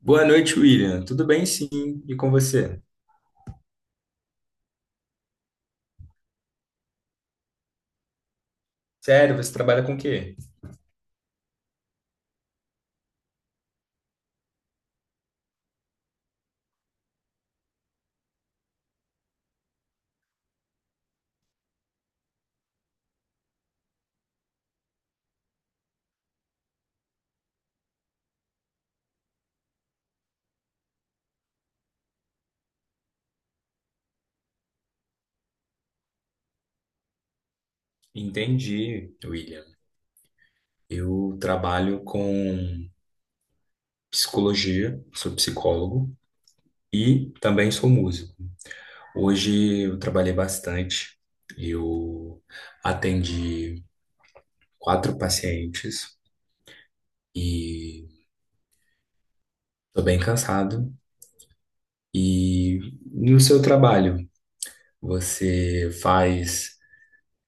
Boa noite, William. Tudo bem, sim. E com você? Sério, você trabalha com o quê? Entendi, William. Eu trabalho com psicologia, sou psicólogo e também sou músico. Hoje eu trabalhei bastante. Eu atendi quatro pacientes e estou bem cansado. E no seu trabalho, você faz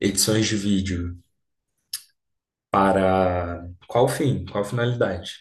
edições de vídeo para qual fim? Qual finalidade?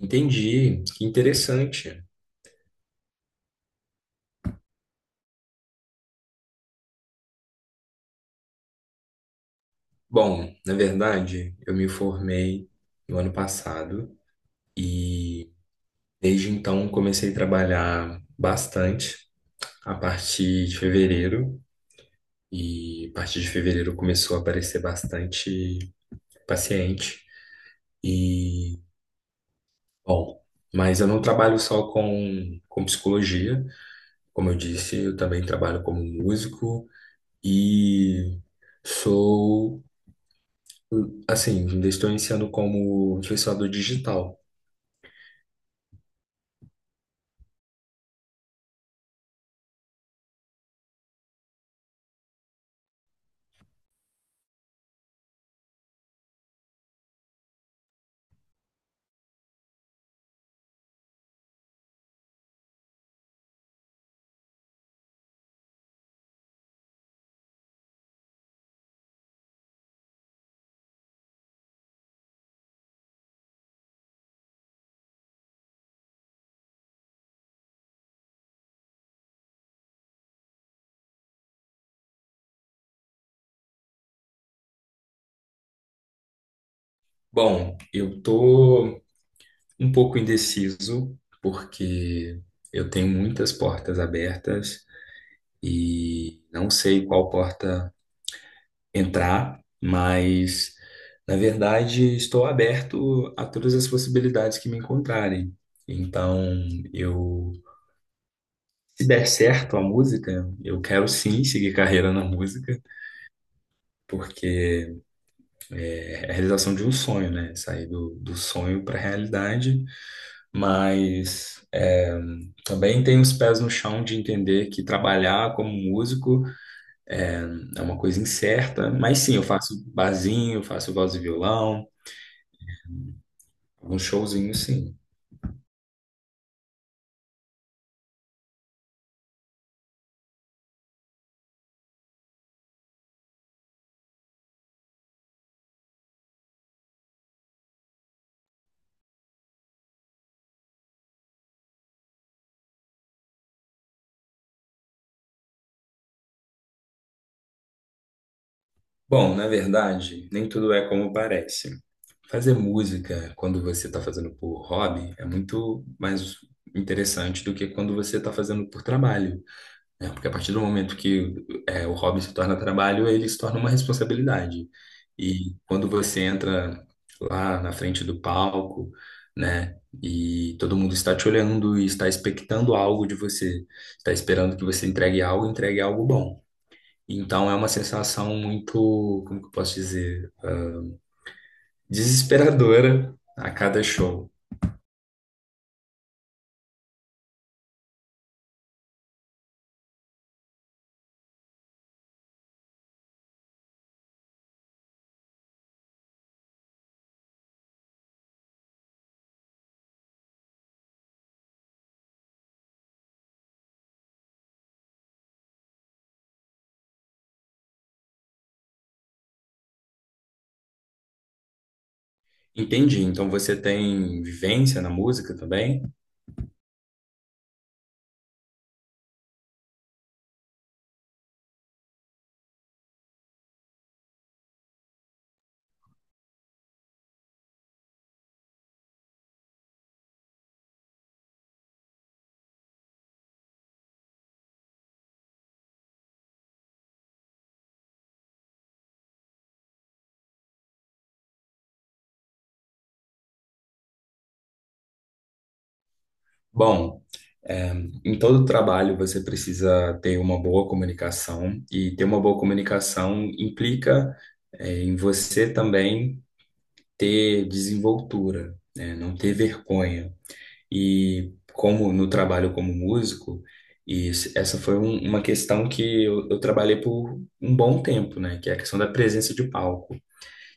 Entendi, que interessante. Bom, na verdade, eu me formei no ano passado e desde então comecei a trabalhar bastante a partir de fevereiro e a partir de fevereiro começou a aparecer bastante paciente e bom, mas eu não trabalho só com psicologia, como eu disse, eu também trabalho como músico e sou. Assim, ainda estou iniciando como influenciador digital. Bom, eu tô um pouco indeciso porque eu tenho muitas portas abertas e não sei qual porta entrar, mas na verdade estou aberto a todas as possibilidades que me encontrarem. Então, eu, se der certo a música, eu quero sim seguir carreira na música, porque é é a realização de um sonho, né? Sair do sonho para a realidade, mas é, também tem os pés no chão de entender que trabalhar como músico é uma coisa incerta, mas sim, eu faço barzinho, faço voz e violão, alguns showzinhos, sim. Bom, na verdade, nem tudo é como parece. Fazer música quando você está fazendo por hobby é muito mais interessante do que quando você está fazendo por trabalho, né? Porque a partir do momento que é, o hobby se torna trabalho, ele se torna uma responsabilidade. E quando você entra lá na frente do palco, né? E todo mundo está te olhando e está expectando algo de você, está esperando que você entregue algo bom. Então é uma sensação muito, como que eu posso dizer, desesperadora a cada show. Entendi. Então você tem vivência na música também? Bom, é, em todo trabalho, você precisa ter uma boa comunicação, e ter uma boa comunicação implica, em você também ter desenvoltura, né? Não ter vergonha. E como no trabalho como músico, e essa foi uma questão que eu trabalhei por um bom tempo, né? Que é a questão da presença de palco,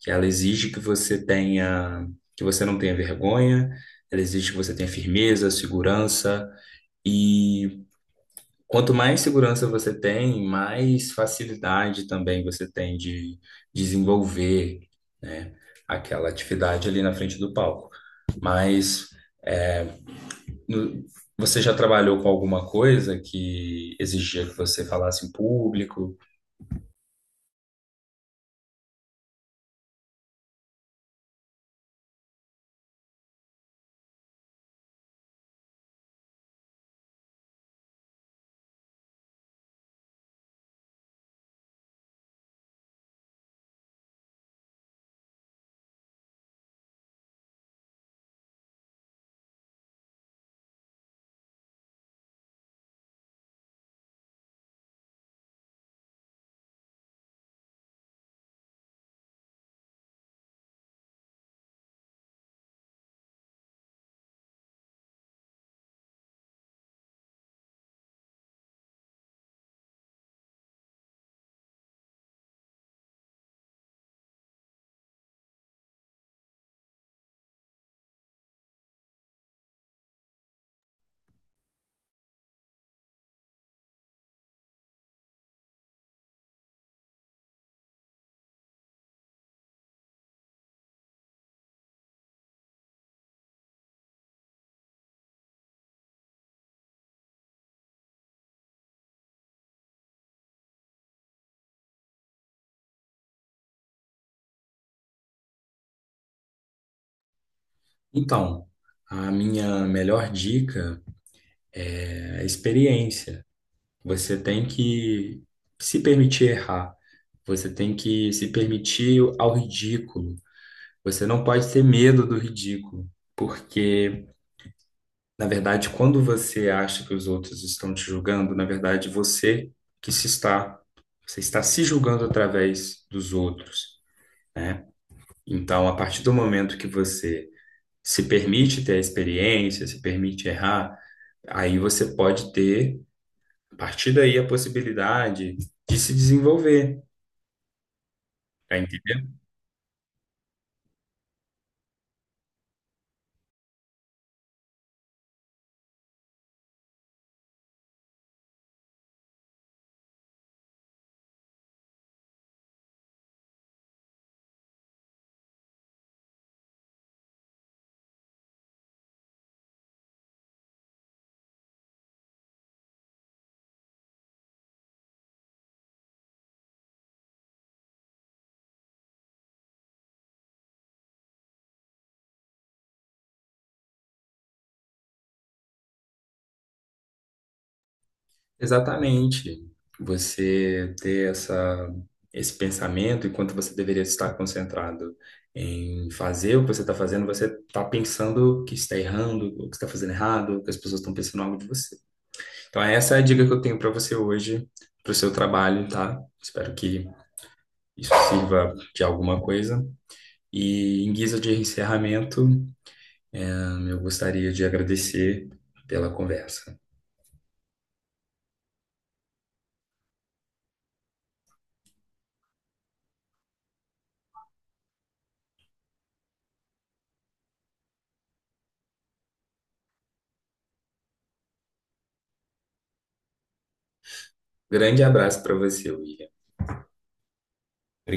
que ela exige que você tenha, que você não tenha vergonha, ela exige que você tenha firmeza, segurança. E quanto mais segurança você tem, mais facilidade também você tem de desenvolver, né, aquela atividade ali na frente do palco. Mas no- você já trabalhou com alguma coisa que exigia que você falasse em público? Então, a minha melhor dica é a experiência. Você tem que se permitir errar. Você tem que se permitir ao ridículo. Você não pode ter medo do ridículo, porque, na verdade, quando você acha que os outros estão te julgando, na verdade, que se está, você está se julgando através dos outros, né? Então, a partir do momento que você se permite ter a experiência, se permite errar, aí você pode ter, a partir daí, a possibilidade de se desenvolver, tá entendendo? Exatamente. Você ter esse pensamento, enquanto você deveria estar concentrado em fazer o que você está fazendo, você está pensando que está errando, o que está fazendo errado, que as pessoas estão pensando algo de você. Então, essa é a dica que eu tenho para você hoje, para o seu trabalho, tá? Espero que isso sirva de alguma coisa. E em guisa de encerramento, eu gostaria de agradecer pela conversa. Grande abraço para você, William.